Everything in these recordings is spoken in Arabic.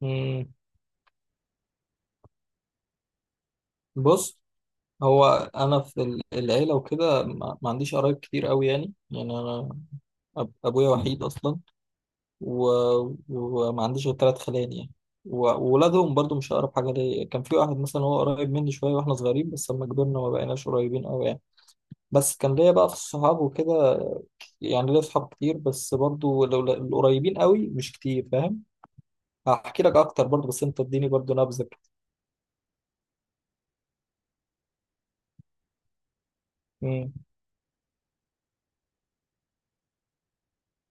مم. بص، هو انا في العيله وكده، ما عنديش قرايب كتير قوي يعني انا ابويا وحيد اصلا، و... وما عنديش غير ثلاث خلان يعني، وولادهم برضو مش اقرب حاجه ليا. كان في واحد مثلا هو قريب مني شويه واحنا صغيرين، بس لما كبرنا ما بقيناش قريبين قوي يعني. بس كان ليا بقى في الصحاب وكده، يعني ليا صحاب كتير، بس برضو لو القريبين قوي مش كتير، فاهم؟ هحكي لك اكتر برضو، بس انت اديني برضو نبذه كده. مم.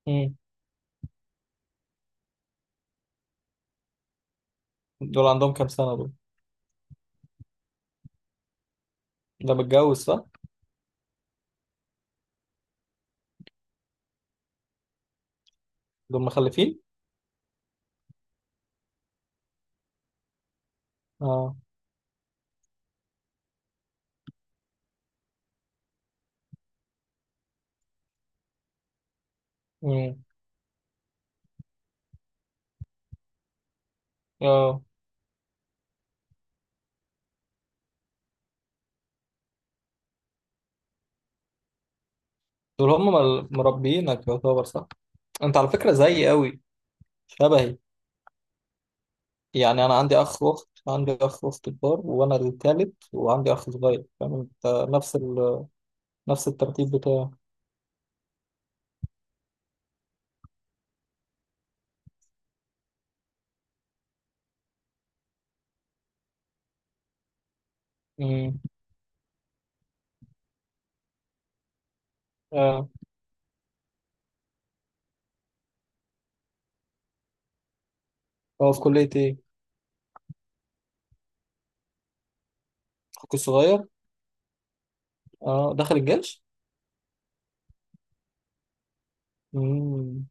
مم. دول عندهم كام سنه دول؟ ده متجوز صح؟ دول مخلفين؟ اه. امم. اه. دول هم مربيينك يعتبر، صح؟ انت على فكرة زيي قوي، شبهي. يعني انا عندي اخ واخت، عندي اخ واخت كبار، وانا التالت، وعندي اخ صغير، فاهم انت؟ نفس الترتيب بتاعه. امم. اه. هو في كلية ايه، اخوك الصغير؟ اه، دخل الجيش؟ امم.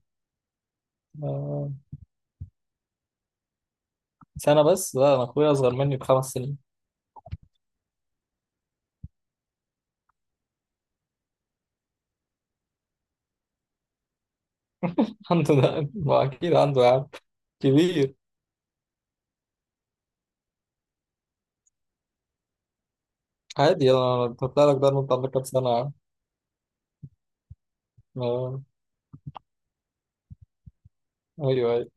آه. سنة بس؟ لا، انا اخويا اصغر مني ب5 سنين. عنده ده، ما اكيد عنده يا عم. كبير عادي. انا بطلع لك ده، إن انت عندك كام سنة يا عم؟ آه. ايوه، أيوه.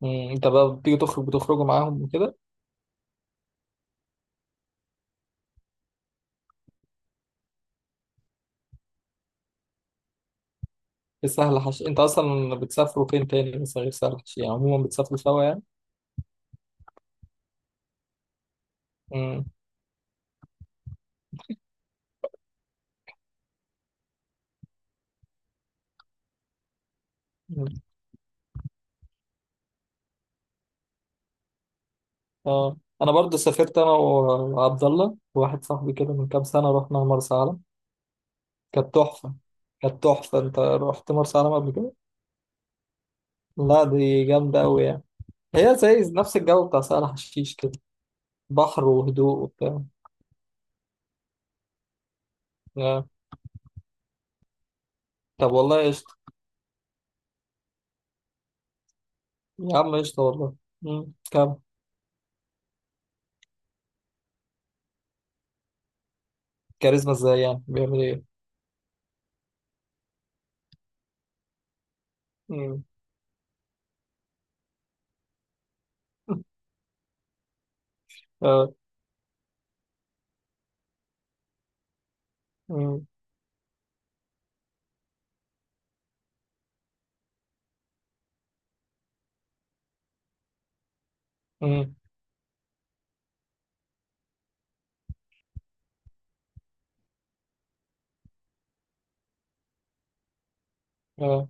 مم، انت بقى بتيجي تخرج، بتخرجوا معاهم وكده؟ في سهل حشي، انت اصلا بتسافروا فين تاني مثلا غير سهل حشي؟ يعني عموما بتسافروا سوا يعني؟ مم. مم. اه. انا برضه سافرت، انا وعبد الله وواحد صاحبي كده، من كام سنه رحنا مرسى علم، كانت تحفه، كانت تحفه. انت رحت مرسى علم قبل كده؟ لا، دي جامده قوي يعني. هي زي نفس الجو بتاع سهل حشيش كده؟ بحر وهدوء وبتاع. آه. طب والله قشطه. يا عم قشطه والله. مم. كام. كاريزما ازاي يعني، بيعمل ايه؟ مم. اه. امم. اه.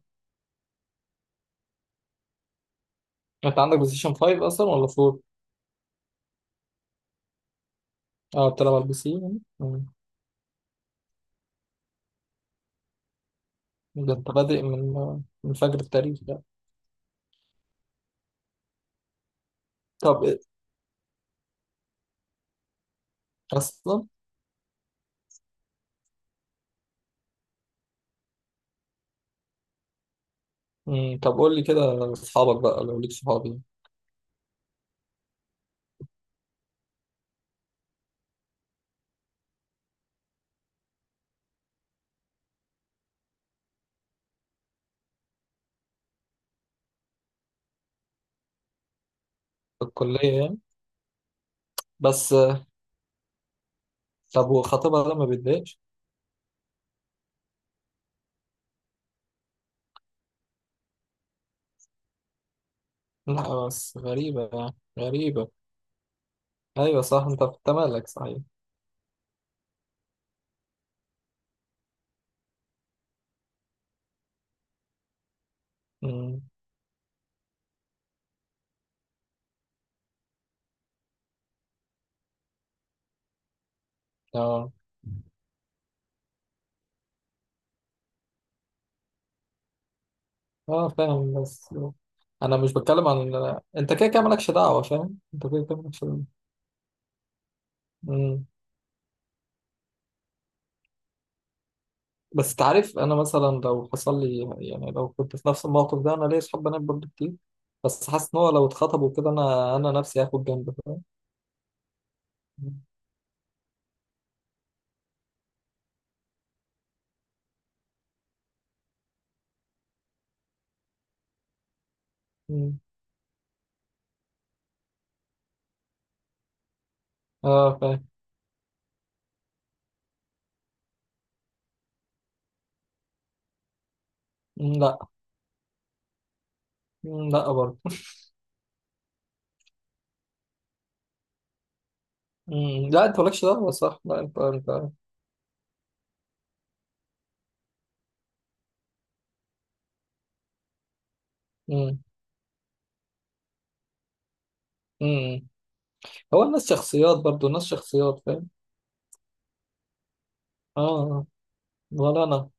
انت عندك بلاي ستيشن 5 اصلا ولا 4؟ اه بتلعب على البي سي يعني؟ مم. ده انت بادئ من فجر التاريخ ده. طب إيه؟ اصلا. مم. طب قول لي كده اصحابك بقى، لو ليك صحابي في الكليه يعني. بس آه، طب وخطيبها ده ما بيتضايقش؟ لا بس غريبه، يعني غريبه. ايوه، صح، انت مالك، صحيح. مم. اه، اه، فاهم بس. انا مش بتكلم عن انت، كده كده مالكش دعوه، فاهم انت؟ كده كده مالكش دعوه. بس تعرف، انا مثلا لو حصل لي يعني، لو كنت في نفس الموقف ده، انا ليا صحاب بنات برضه كتير، بس حاسس ان هو لو اتخطبوا كده، انا نفسي هاخد جنب، فاهم؟ مم. اه، فاهم. مم، لا. مم، لا برضه. مم، لا، انت مالكش دعوه، صح. لا، انت. مم. مم. هو الناس شخصيات، برضه الناس شخصيات، فاهم. اه. آه. ولا انا.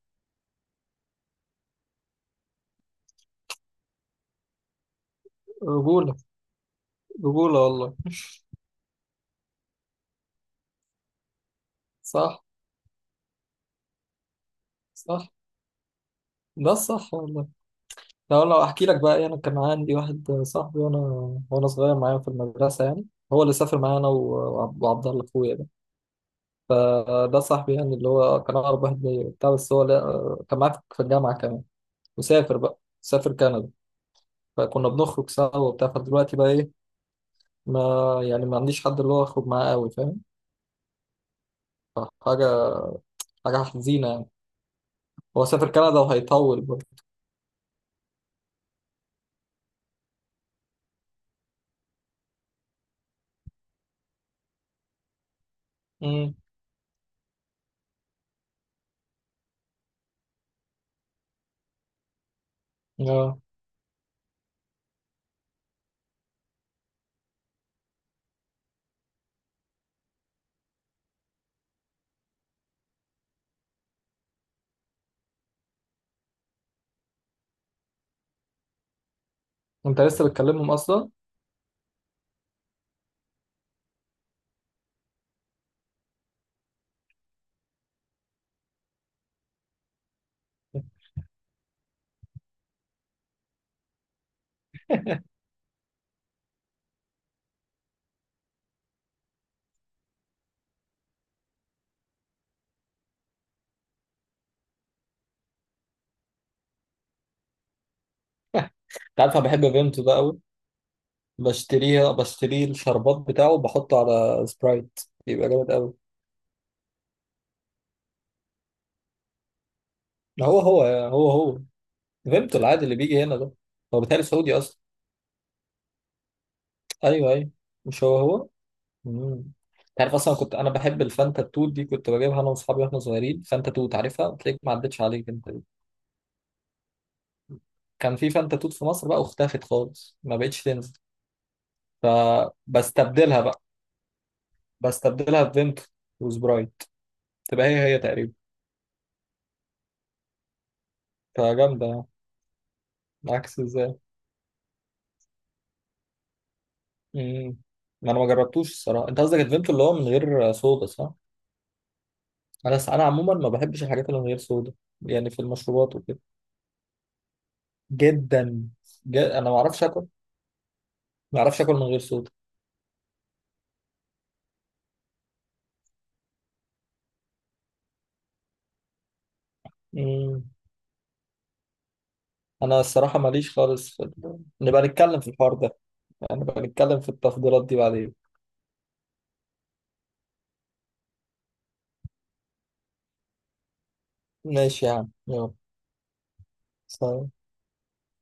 رجوله. رجوله والله. صح. صح. ده صح والله. لو احكي لك بقى، إيه، انا كان عندي واحد صاحبي، وانا صغير معايا في المدرسه يعني. هو اللي سافر معايا، انا وعبد الله اخويا ده. آه، ده صاحبي يعني، اللي هو كان اقرب واحد ليا وبتاع، بس هو لا آه، كان معايا في الجامعه كمان. وسافر بقى، سافر كندا. فكنا بنخرج سوا وبتاع. فدلوقتي بقى ايه، ما يعني ما عنديش حد اللي هو اخرج معاه قوي، فاهم؟ فحاجه حاجه حزينه يعني. هو سافر كندا وهيطول برضه. امم. اه. انت لسه بتكلمهم اصلا؟ انت عارف، انا بحب بنته ده قوي. بشتريه الشربات بتاعه وبحطه على سبرايت، بيبقى جامد قوي. هو. فيمتو العادي اللي بيجي هنا ده. هو بيتهيألي سعودي اصلا. ايوه، ايوه. مش هو هو. امم تعرف اصلا، كنت انا بحب الفانتا توت دي، كنت بجيبها انا واصحابي واحنا صغيرين. فانتا توت عارفها؟ تلاقيك ما عدتش عليك انت دي. كان في فانتا توت في مصر بقى، واختفت خالص، ما بقتش تنزل. فبستبدلها بقى، بستبدلها بفيمتو وسبرايت، تبقى هي هي تقريبا، فجامده يعني. عكس ازاي؟ مم. ما انا ما جربتوش الصراحه. انت قصدك الفيمتو اللي هو من غير صودا، صح؟ انا عموما ما بحبش الحاجات اللي من غير صودا، يعني في المشروبات وكده. جدا. انا ما اعرفش اكل، ما اعرفش اكل من غير صودا. مم. انا الصراحه ماليش خالص نبقى نتكلم في الحوار ده يعني، نبقى نتكلم في التفضيلات دي بعدين. ماشي يا عم يلا. سلام.